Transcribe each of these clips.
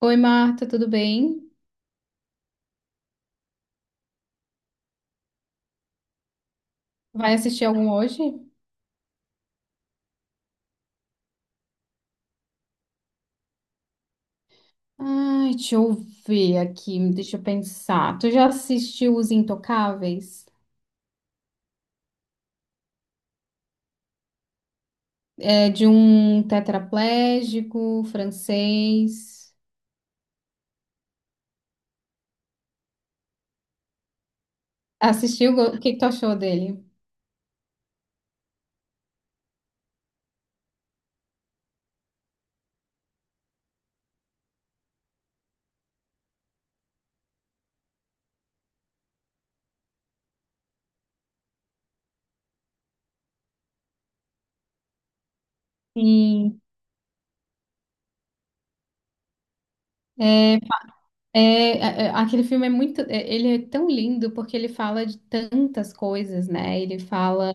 Oi, Marta, tudo bem? Vai assistir algum hoje? Ai, deixa eu ver aqui, deixa eu pensar. Tu já assistiu Os Intocáveis? É de um tetraplégico francês. Assistiu? O que que tu achou dele? Sim. É, é, aquele filme é muito, é, ele é tão lindo porque ele fala de tantas coisas, né? Ele fala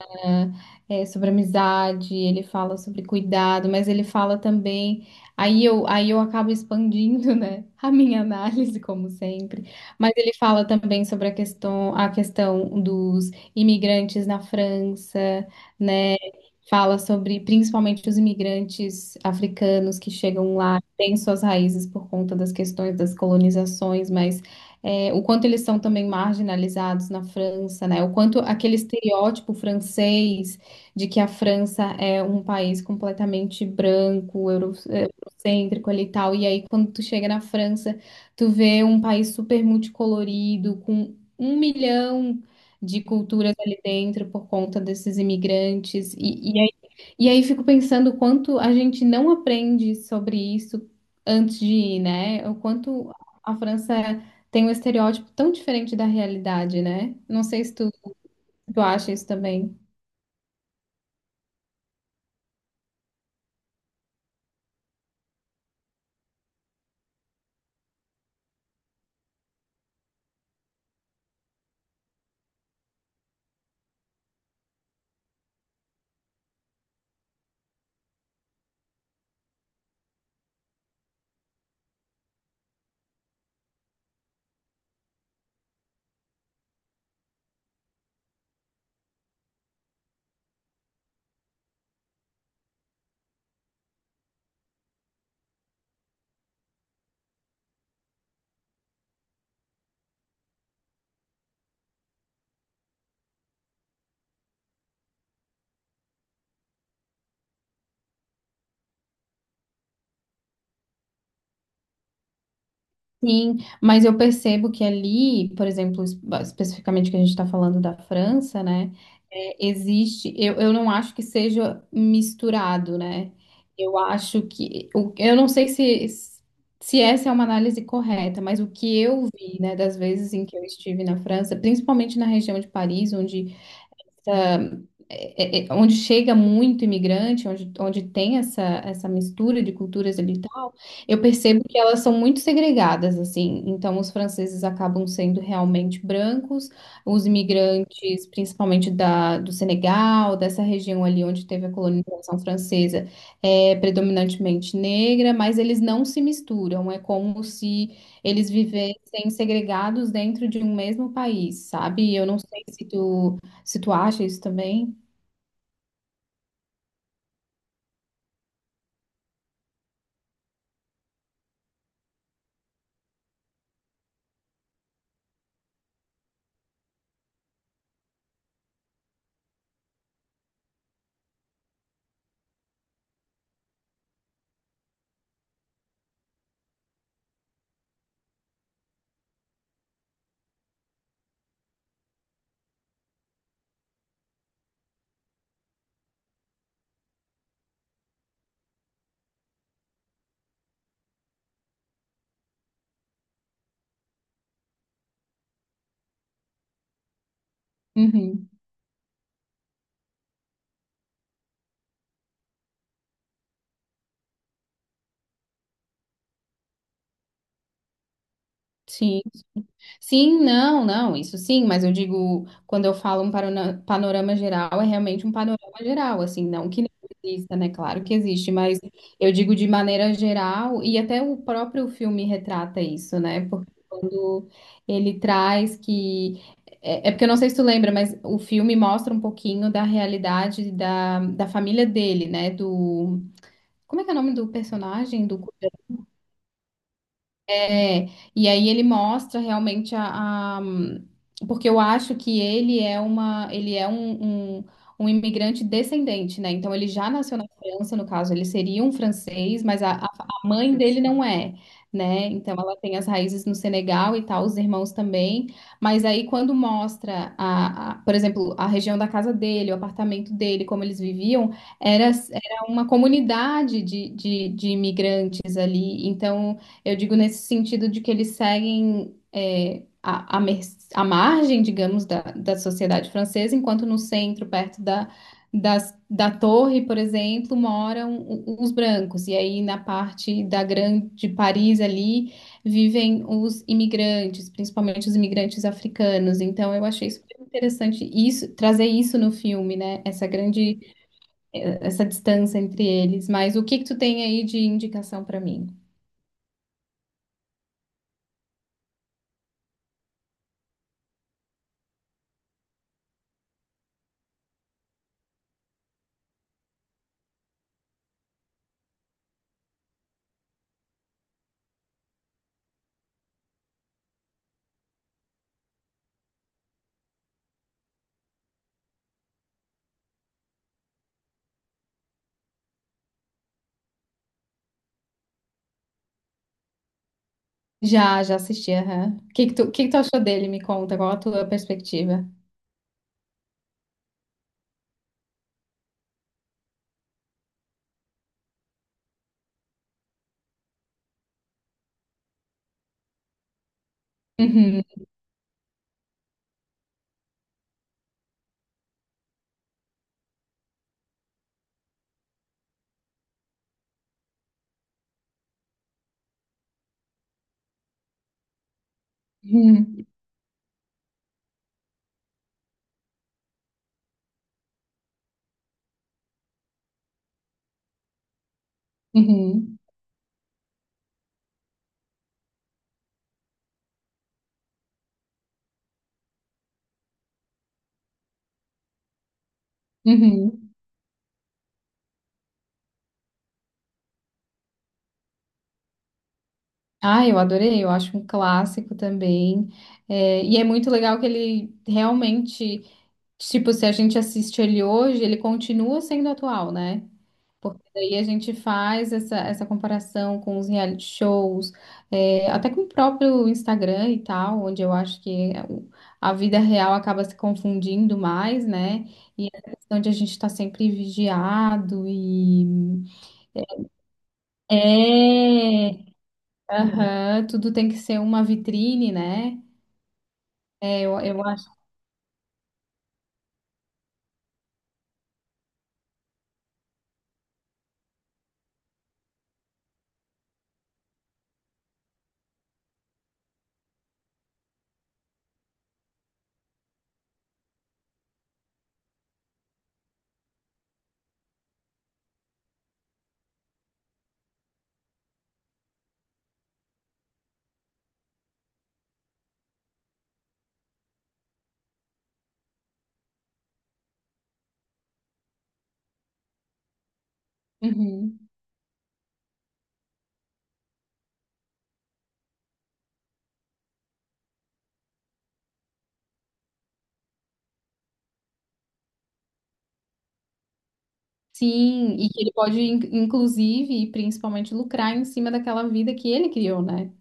é, sobre amizade, ele fala sobre cuidado, mas ele fala também. Aí eu acabo expandindo, né? A minha análise, como sempre. Mas ele fala também sobre a questão dos imigrantes na França, né? Fala sobre principalmente os imigrantes africanos que chegam lá, têm suas raízes por conta das questões das colonizações, mas é, o quanto eles são também marginalizados na França, né? O quanto aquele estereótipo francês de que a França é um país completamente branco, eurocêntrico ali e tal, e aí quando tu chega na França, tu vê um país super multicolorido, com um milhão de culturas ali dentro por conta desses imigrantes. E aí fico pensando o quanto a gente não aprende sobre isso antes de ir, né? O quanto a França tem um estereótipo tão diferente da realidade, né? Não sei se tu, tu acha isso também. Sim, mas eu percebo que ali, por exemplo, especificamente que a gente está falando da França, né? É, existe, eu não acho que seja misturado, né? Eu acho que, eu não sei se, se essa é uma análise correta, mas o que eu vi, né, das vezes em que eu estive na França, principalmente na região de Paris, onde onde chega muito imigrante, onde tem essa, essa mistura de culturas ali e tal, eu percebo que elas são muito segregadas, assim. Então, os franceses acabam sendo realmente brancos, os imigrantes, principalmente do Senegal, dessa região ali onde teve a colonização francesa, é predominantemente negra, mas eles não se misturam, é como se eles vivessem segregados dentro de um mesmo país, sabe? Eu não sei se tu acha isso também. Uhum. Sim. Sim, não, não, isso sim, mas eu digo, quando eu falo um panorama geral, é realmente um panorama geral, assim, não que não exista, né? Claro que existe, mas eu digo de maneira geral, e até o próprio filme retrata isso, né? Porque quando ele traz que. É, é porque eu não sei se tu lembra, mas o filme mostra um pouquinho da realidade da família dele, né? Do. Como é que é o nome do personagem? Do. É, e aí ele mostra realmente porque eu acho que ele é uma, ele é um, um, um imigrante descendente, né? Então ele já nasceu na França, no caso, ele seria um francês, mas a mãe dele não é, né? Então ela tem as raízes no Senegal e tal, os irmãos também. Mas aí quando mostra por exemplo, a região da casa dele, o apartamento dele, como eles viviam, era, era uma comunidade de, de imigrantes ali. Então eu digo nesse sentido de que eles seguem é, a margem, digamos, da sociedade francesa, enquanto no centro, perto da torre, por exemplo, moram os brancos. E aí na parte da grande Paris ali vivem os imigrantes, principalmente os imigrantes africanos. Então eu achei super interessante isso, trazer isso no filme, né? Essa grande, eh, essa distância entre eles. Mas o que que tu tem aí de indicação para mim? Já, já assisti, aham. O que que tu achou dele? Me conta, qual a tua perspectiva? Uhum, uhum, uhum, uhum. Ah, eu adorei, eu acho um clássico também. É, e é muito legal que ele realmente, tipo, se a gente assiste ele hoje, ele continua sendo atual, né? Porque daí a gente faz essa, essa comparação com os reality shows, é, até com o próprio Instagram e tal, onde eu acho que eh, a vida real acaba se confundindo mais, né? E essa questão de a gente estar sempre vigiado e. É! Aham, tudo tem que ser uma vitrine, né? Eu acho. Uhum. Sim, e que ele pode, inclusive, e principalmente, lucrar em cima daquela vida que ele criou, né?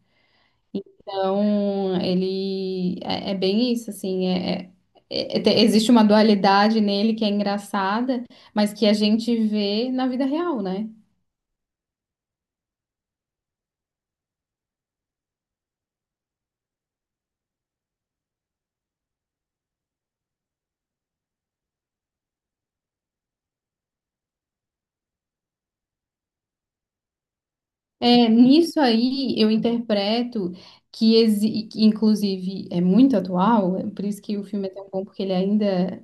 Então, ele é, é bem isso, assim, é, existe uma dualidade nele que é engraçada, mas que a gente vê na vida real, né? É, nisso aí eu interpreto que, que, inclusive, é muito atual, é por isso que o filme é tão bom, porque ele ainda.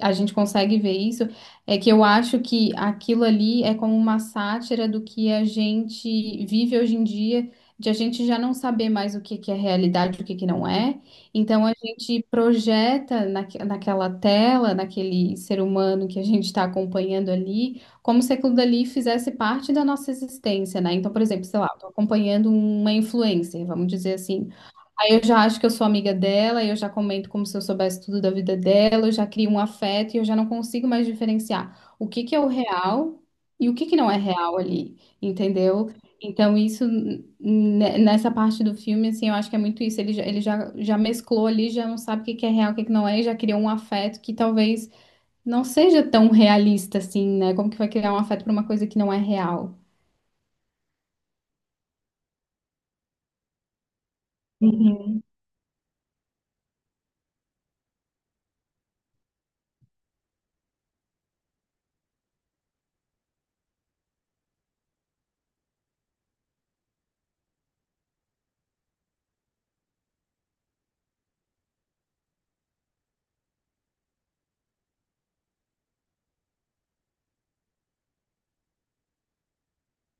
A gente consegue ver isso. É que eu acho que aquilo ali é como uma sátira do que a gente vive hoje em dia, de a gente já não saber mais o que que é realidade, e o que que não é. Então a gente projeta naquela tela, naquele ser humano que a gente está acompanhando ali como se aquilo dali fizesse parte da nossa existência, né? Então, por exemplo, sei lá, eu tô acompanhando uma influencer, vamos dizer assim. Aí eu já acho que eu sou amiga dela, eu já comento como se eu soubesse tudo da vida dela, eu já crio um afeto e eu já não consigo mais diferenciar o que que é o real e o que que não é real ali, entendeu? Então, isso, né, nessa parte do filme, assim, eu acho que é muito isso. Já mesclou ali, já não sabe o que que é real, o que que não é, e já criou um afeto que talvez não seja tão realista assim, né? Como que vai criar um afeto para uma coisa que não é real? Uhum.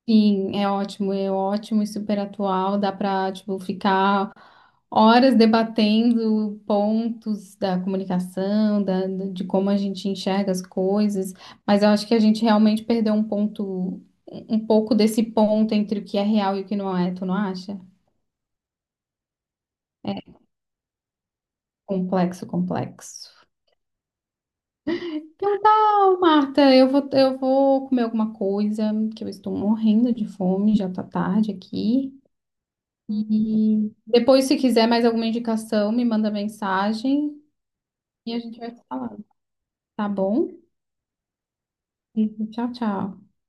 Sim, é ótimo e super atual, dá para, tipo, ficar horas debatendo pontos da comunicação, de como a gente enxerga as coisas, mas eu acho que a gente realmente perdeu um ponto, um pouco desse ponto entre o que é real e o que não é, tu não acha? É complexo, complexo. Então tá, Marta, eu vou comer alguma coisa, que eu estou morrendo de fome, já tá tarde aqui. E depois, se quiser mais alguma indicação, me manda mensagem e a gente vai se falando, tá bom? Tchau, tchau.